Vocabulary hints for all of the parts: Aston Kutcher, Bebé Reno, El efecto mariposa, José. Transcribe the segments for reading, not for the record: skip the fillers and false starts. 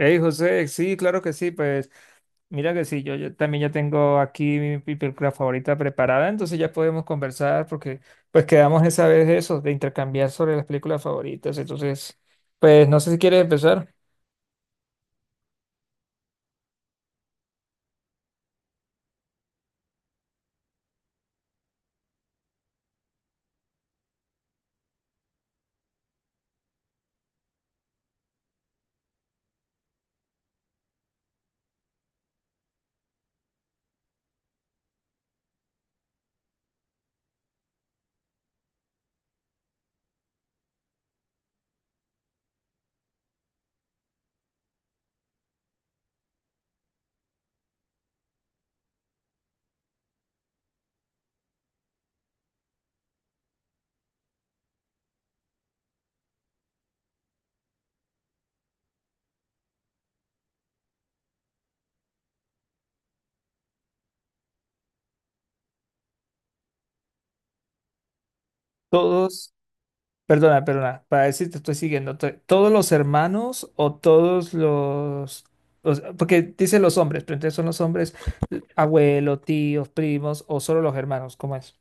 Hey, José, sí, claro que sí, pues mira que sí, yo también ya tengo aquí mi película favorita preparada, entonces ya podemos conversar porque pues quedamos esa vez de eso, de intercambiar sobre las películas favoritas, entonces pues no sé si quieres empezar. Todos, perdona, perdona, para decir te estoy siguiendo, todos los hermanos o todos los, o sea, porque dice los hombres, pero entonces son los hombres, abuelos, tíos, primos o solo los hermanos, ¿cómo es?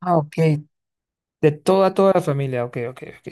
Ah, ok. De toda, toda la familia, ok, ok, ok.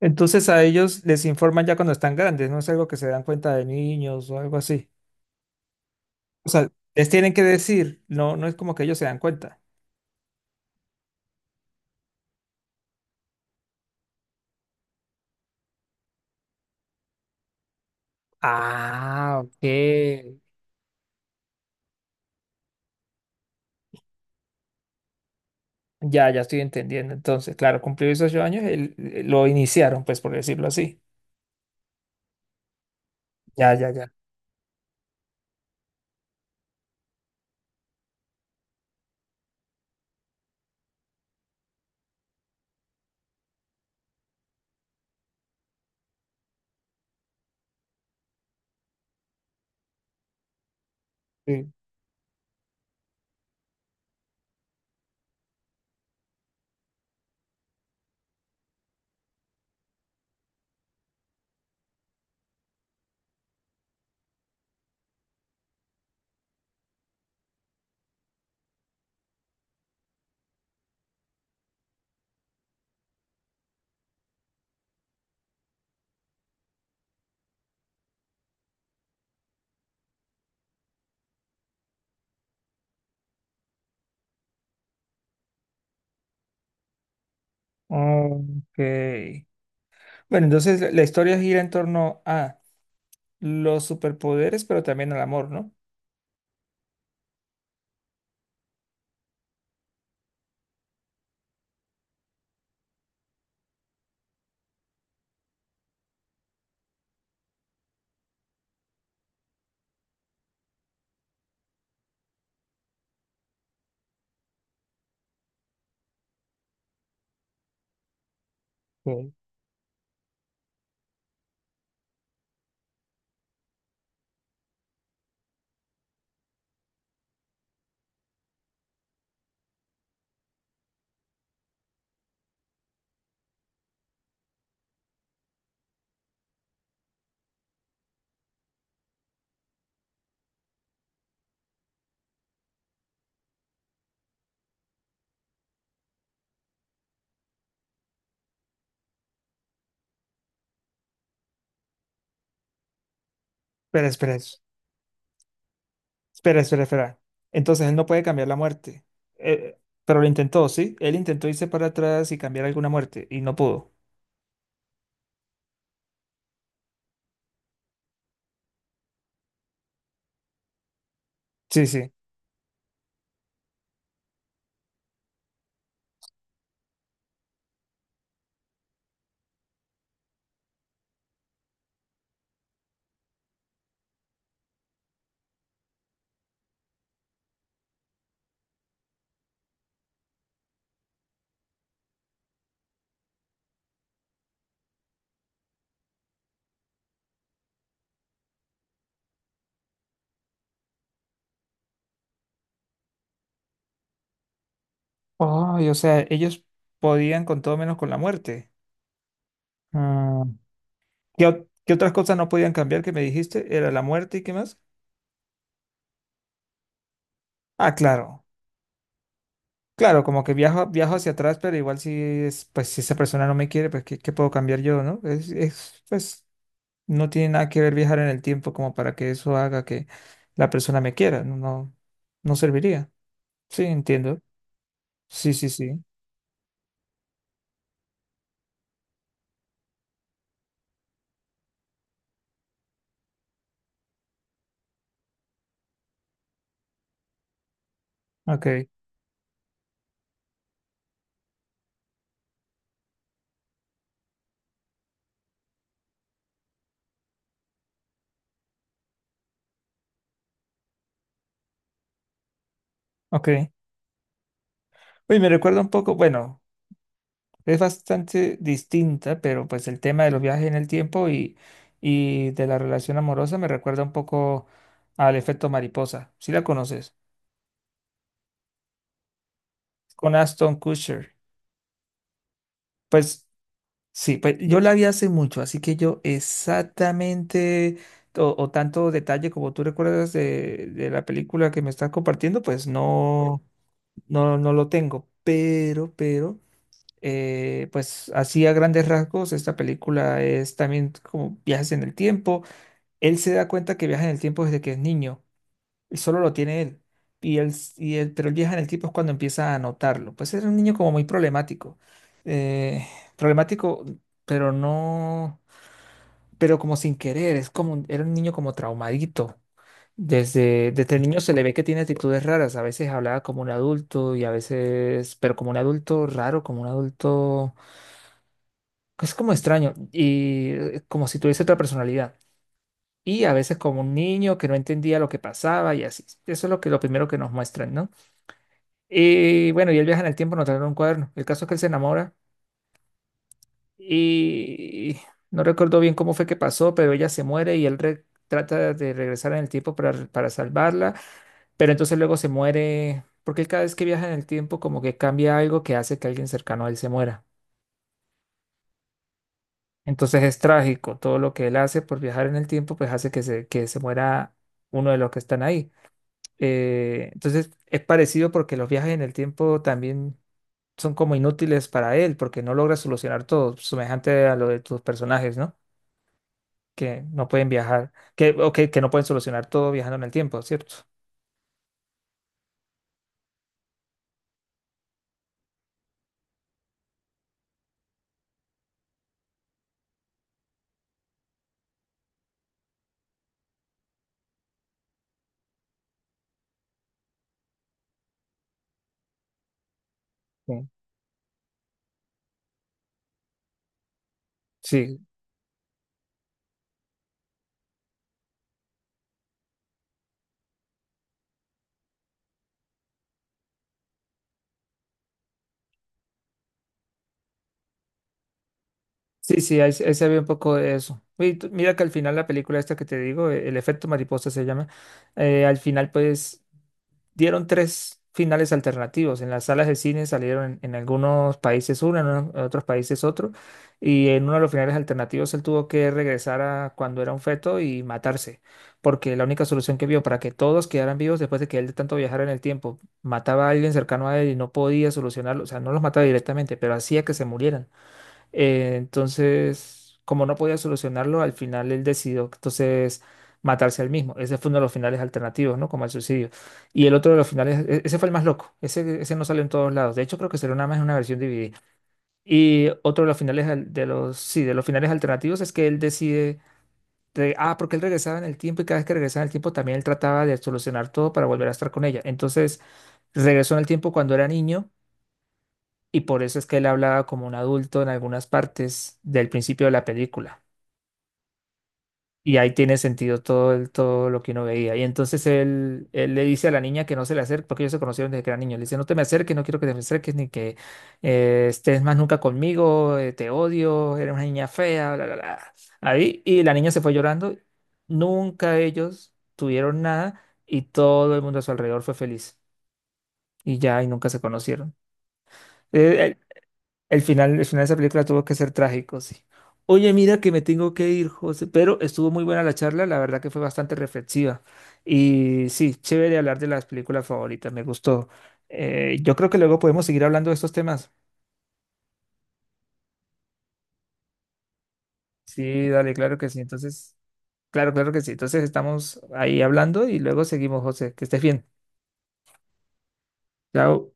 Entonces a ellos les informan ya cuando están grandes, no es algo que se dan cuenta de niños o algo así. O sea, les tienen que decir, no, no es como que ellos se dan cuenta. Ah, ok. Ya, ya estoy entendiendo. Entonces, claro, cumplió esos 8 años, el- lo iniciaron, pues por decirlo así. Ya, ya, ya. Sí. Ok. Bueno, entonces la historia gira en torno a los superpoderes, pero también al amor, ¿no? Ok. Espera, espera. Espera, espera, espera. Entonces él no puede cambiar la muerte. Eh, pero lo intentó, ¿sí? Él intentó irse para atrás y cambiar alguna muerte y no pudo. Sí, sí. Ay, o sea, ellos podían con todo menos con la muerte. Ah, ¿qué, ot- qué otras cosas no podían cambiar que me dijiste? ¿Era la muerte y qué más? Ah, claro. Claro, como que viajo, viajo hacia atrás, pero igual si es, pues si esa persona no me quiere, pues ¿qué, qué puedo cambiar yo, no? Es, pues no tiene nada que ver viajar en el tiempo como para que eso haga que la persona me quiera. No, no, no serviría. Sí, entiendo. Sí, sí, sí. Ok, ok. Uy, me recuerda un poco, bueno, es bastante distinta, pero pues el tema de los viajes en el tiempo y de la relación amorosa me recuerda un poco al efecto mariposa. ¿Sí la conoces? Con Aston Kutcher. Pues sí, pues yo la vi hace mucho, así que yo exactamente o tanto detalle como tú recuerdas de la película que me estás compartiendo, pues no, no, no lo tengo. Pero, pues así a grandes rasgos, esta película es también como viajes en el tiempo. Él se da cuenta que viaja en el tiempo desde que es niño y solo lo tiene él. Y él, s- y él- pero él viaja en el tiempo es cuando empieza a notarlo. Pues era un niño como muy problemático. eh, Problemático, pero no, pero como sin querer, es como, un- era un niño como traumadito. Desde, desde niño se le ve que tiene actitudes raras. A veces hablaba como un adulto y a veces, pero como un adulto raro, como un adulto, es como extraño y como si tuviese otra personalidad. Y a veces como un niño que no entendía lo que pasaba y así. Eso es lo que, lo primero que nos muestran, ¿no? Y bueno, y él viaja en el tiempo, no trae un cuaderno. El caso es que él se enamora y no recuerdo bien cómo fue que pasó, pero ella se muere y él trata de regresar en el tiempo para salvarla, pero entonces luego se muere, porque él cada vez que viaja en el tiempo como que cambia algo que hace que alguien cercano a él se muera. Entonces es trágico, todo lo que él hace por viajar en el tiempo pues hace que se muera uno de los que están ahí. Entonces es parecido porque los viajes en el tiempo también son como inútiles para él porque no logra solucionar todo, semejante a lo de tus personajes, ¿no? Que no pueden viajar, que, o que, que no pueden solucionar todo viajando en el tiempo, ¿cierto? Sí, sí, sí, sí, ahí se ve un poco de eso. Y tú- mira que al final la película esta que te digo, el efecto mariposa se llama, al final pues dieron 3 finales alternativos. En las salas de cine salieron en algunos países uno, en, uno- en otros países otro, y en uno de los finales alternativos él tuvo que regresar a cuando era un feto y matarse, porque la única solución que vio para que todos quedaran vivos después de que él de tanto viajara en el tiempo mataba a alguien cercano a él y no podía solucionarlo, o sea, no los mataba directamente, pero hacía que se murieran. Entonces, como no podía solucionarlo, al final él decidió entonces matarse al mismo. Ese fue uno de los finales alternativos, ¿no? Como el suicidio. Y el otro de los finales, e- ese fue el más loco. Ese no salió en todos lados. De hecho, creo que salió nada más en una versión dividida. Y otro de los finales de los, sí, de los finales alternativos es que él decide, de- ah, porque él regresaba en el tiempo y cada vez que regresaba en el tiempo también él trataba de solucionar todo para volver a estar con ella. Entonces, regresó en el tiempo cuando era niño y por eso es que él hablaba como un adulto en algunas partes del principio de la película. Y ahí tiene sentido todo, el- todo lo que uno veía. Y entonces él le dice a la niña que no se le acerque, porque ellos se conocieron desde que era niño. Le dice, no te me acerques, no quiero que te me acerques, ni que estés más nunca conmigo, te odio, eres una niña fea, bla, bla, bla. Ahí, y la niña se fue llorando. Nunca ellos tuvieron nada y todo el mundo a su alrededor fue feliz. Y ya, y nunca se conocieron. Eh, el final de esa película tuvo que ser trágico, sí. Oye, mira que me tengo que ir, José, pero estuvo muy buena la charla, la verdad que fue bastante reflexiva. Y sí, chévere hablar de las películas favoritas, me gustó. Yo creo que luego podemos seguir hablando de estos temas. Sí, dale, claro que sí. Entonces, claro, claro que sí. Entonces estamos ahí hablando y luego seguimos, José. Que estés bien. Chao.